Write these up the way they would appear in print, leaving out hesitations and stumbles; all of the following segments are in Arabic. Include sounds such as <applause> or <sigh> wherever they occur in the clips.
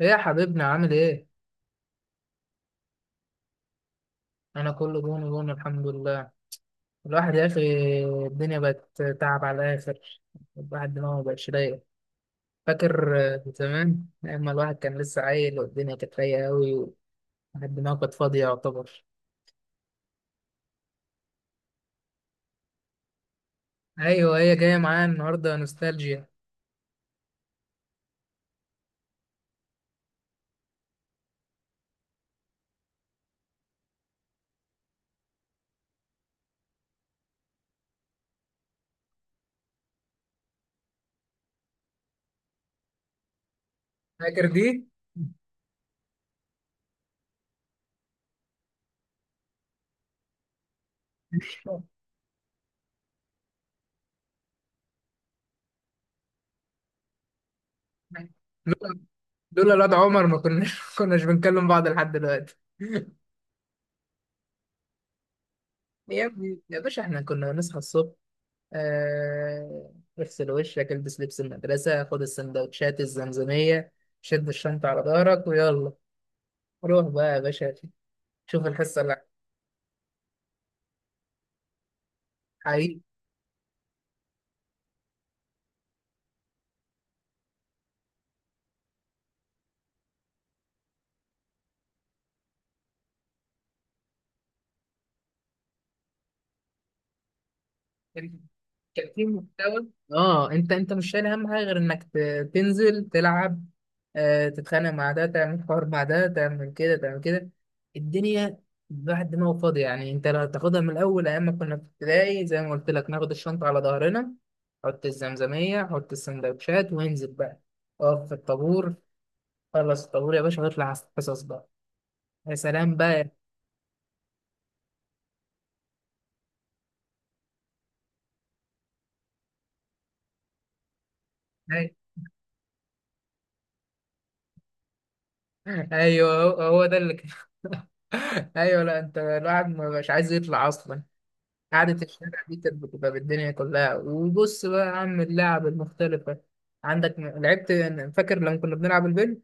ايه يا حبيبنا، عامل ايه؟ انا كله جون جون، الحمد لله. الواحد يا اخي، الدنيا بقت تعب على الاخر. الواحد دماغه مبقتش رايق. فاكر زمان اما الواحد كان لسه عيل والدنيا كانت رايقه قوي. والواحد دماغه كانت فاضيه يعتبر. ايوه، هي جايه معايا النهارده نوستالجيا. فاكر دي. لولا لولا الواد عمر ما كناش <laughs> ما كناش بنكلم بعض لحد دلوقتي. <laughs> يا ابني يا باشا، احنا كنا بنصحى الصبح، آه، اغسل وشك، البس لبس المدرسة، خد السندوتشات، الزمزمية، شد الشنطة على ظهرك، ويلا روح بقى يا باشا. شوف الحصة اللي حقيقي كان في محتوى. اه، انت مش شايل اهم حاجه غير انك تنزل تلعب. آه، تتخانق مع ده، تعمل حوار مع ده، تعمل كده تعمل كده. الدنيا بعد ما هو فاضي يعني. انت لو تاخدها من الاول، ايام ما كنا في ابتدائي زي ما قلت لك، ناخد الشنطه على ظهرنا، حط الزمزميه، حط السندوتشات، وانزل بقى. اقف في الطابور. خلص الطابور يا باشا، واطلع على الحصص بقى. يا سلام بقى. أي- ايوه، هو ده اللي كان. <laughs> ايوه، لا، انت الواحد ما مش عايز يطلع اصلا. قعدة الشارع دي كانت بتبقى بالدنيا كلها. وبص بقى يا عم، اللعب المختلفة عندك لعبت. فاكر لما كنا بنلعب البنج؟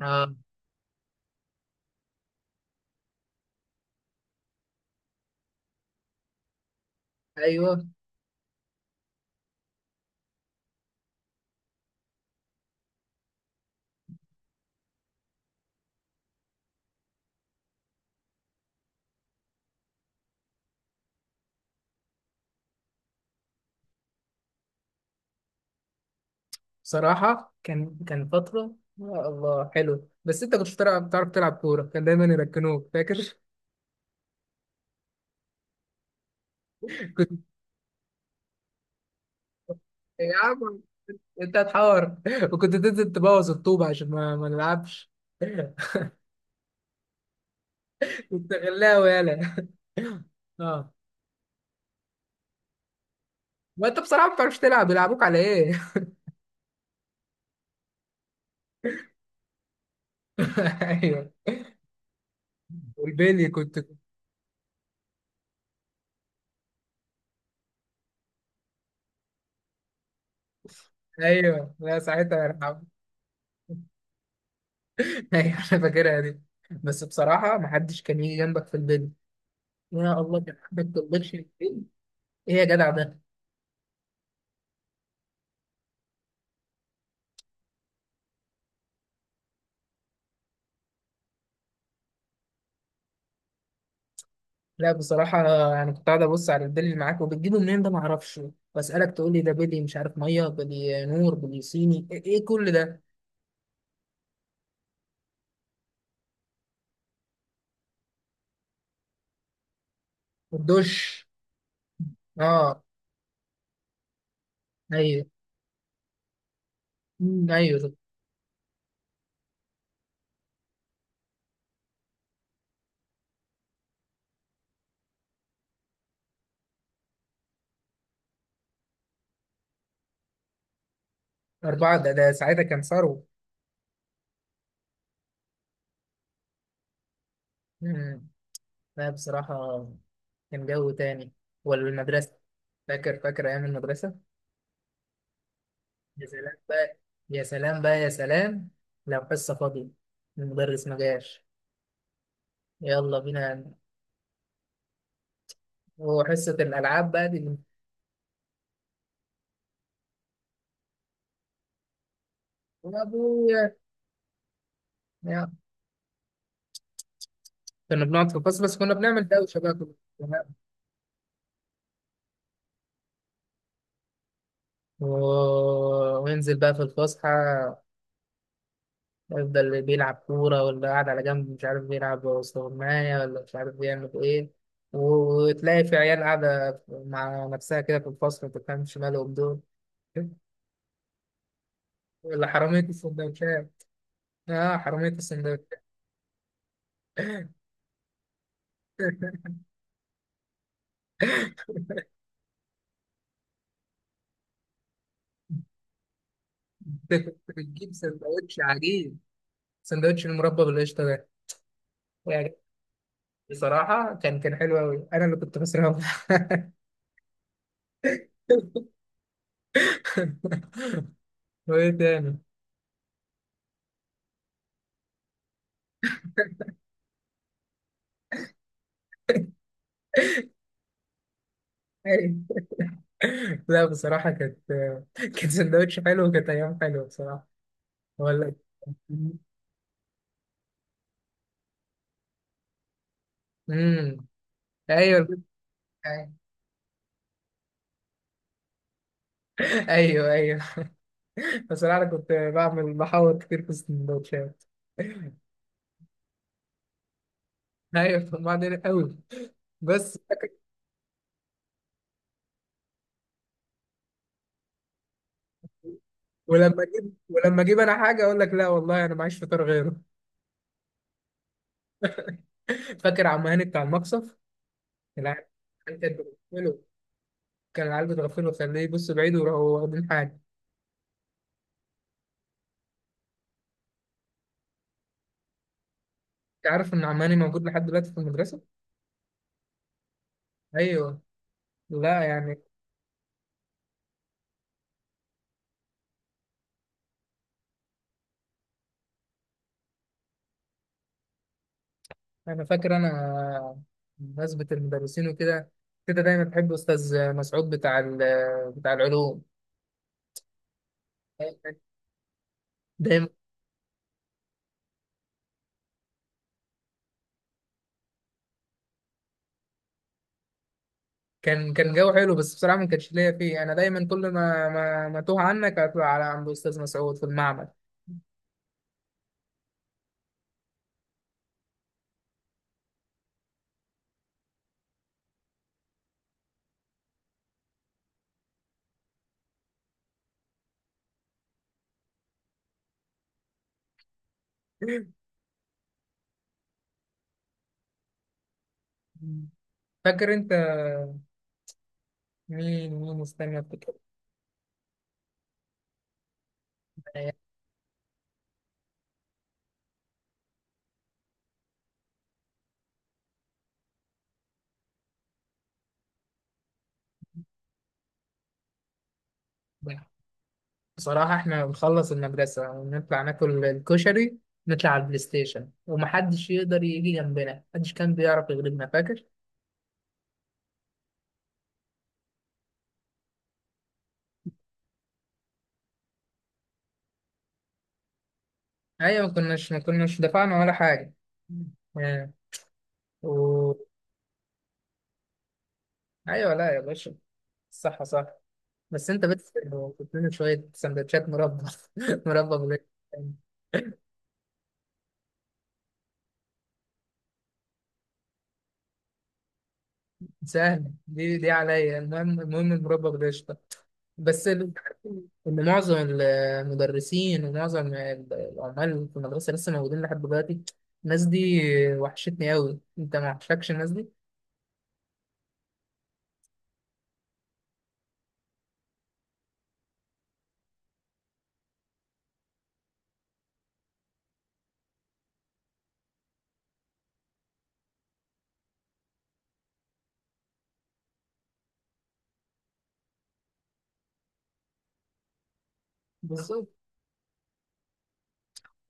اه، ايوه. بصراحة كان فترة، يا الله حلو. بس انت كنتش بتلعب، بتعرف تلعب كورة، كان دايما يركنوك. فاكر؟ <laughs> كنت يا عم، انت هتحور. وكنت تنزل تبوظ الطوبة عشان ما نلعبش. <laughs> كنت غلاوي يالا. <laughs> اه، ما انت بصراحة ما بتعرفش تلعب، بيلعبوك على ايه؟ <laughs> ايوه. والبيلي كنت. ايوه، لا، ساعتها يرحم. <laughs> ايوه، انا فاكرها دي. بس بصراحه، ما حدش كان يجي جنبك في البيل. يا الله، كان حدك تقبلش البيل. ايه يا جدع ده؟ لا بصراحه، يعني كنت قاعد ابص على البيل اللي معاك وبتجيبه منين ده، ما اعرفش. واسالك تقول لي ده بيلي، مش عارف ميه، بيلي نور، بيلي صيني، ايه إيه كل ده؟ والدش. اه، ايوه. أمم، ايوه. اربعه ده ساعتها كان ثروه. أمم. لا بصراحه، كان جو تاني. والمدرسه، فاكر ايام المدرسه. يا سلام بقى، يا سلام بقى، يا سلام. لو حصة فاضية، المدرس ما جاش، يلا بينا. وحصة الألعاب بقى دي اللي... يا أبويا. يا. كنا بنقعد في الفصل، بس كنا بنعمل دوشة بقى. كلنا. و... وينزل بقى في الفسحة. يفضل اللي بيلعب كورة، واللي قاعد على جنب مش عارف بيلعب استغماية، ولا مش عارف بيعمل إيه. وتلاقي في عيال قاعدة مع نفسها كده في الفصل، ما تفهمش مالهم دول. ولا حرامية السندوتشات. اه، حرامية السندوتش. <laughs> انت كنت بتجيب سندوتش عجيب، سندوتش المربى بالقشطة ده. يعني بصراحة كان حلو أوي، أنا اللي كنت خسران. <laughs> وإيه تاني؟ <laughs> لا بصراحة كانت، كان سندوتش حلو، وكانت أيام حلوة بصراحة. ولا. امم، أيوه أيوه أيوه. <laughs> بصراحة أنا كنت بعمل، بحاول كتير في السندوتشات. أيوه، كنت بعمل قوي بس. ولما اجيب انا حاجه اقول لك لا والله انا معيش فطار غيره. <laughs> فاكر عم هاني بتاع المقصف؟ العيال كانت بتغفله. كان العيال بتغفله، خليه يبص بعيد، وراحوا واخدين حاجه. انت عارف ان عم هاني موجود لحد دلوقتي في المدرسه؟ ايوه. لا يعني، انا فاكر انا، بمناسبه المدرسين وكده، كده دايما بحب استاذ مسعود بتاع بتاع العلوم. دايما كان جو حلو، بس بصراحه ما كانش ليا فيه، انا دايما كل ما ما, ما توه عنك هطلع على عند استاذ مسعود في المعمل. <laughs> فاكر انت، مين استنى افتكر. الأيام دي. بصراحة احنا بنخلص المدرسة ونطلع ناكل الكشري، نطلع على البلاي ستيشن، ومحدش يقدر يجي جنبنا، محدش كان بيعرف يغلبنا. فاكر؟ ايوه، ما كناش دفعنا ولا حاجة. آه. و... ايوه، لا يا باشا، صح صح. بس انت بس، كنت لنا شوية سندوتشات مربى. <laughs> مربى بجد. سهل، دي عليا، المهم المربى بالقشطة. بس إن معظم المدرسين ومعظم العمال في المدرسة لسه موجودين لحد دلوقتي. الناس دي وحشتني أوي. أنت ما وحشكش الناس دي؟ بالظبط.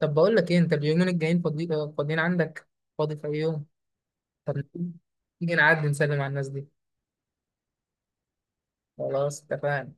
طب بقول لك إيه، أنت اليومين الجايين فاضيين عندك؟ فاضي في أي يوم؟ طب نيجي نعدي نسلم على الناس دي. خلاص اتفقنا.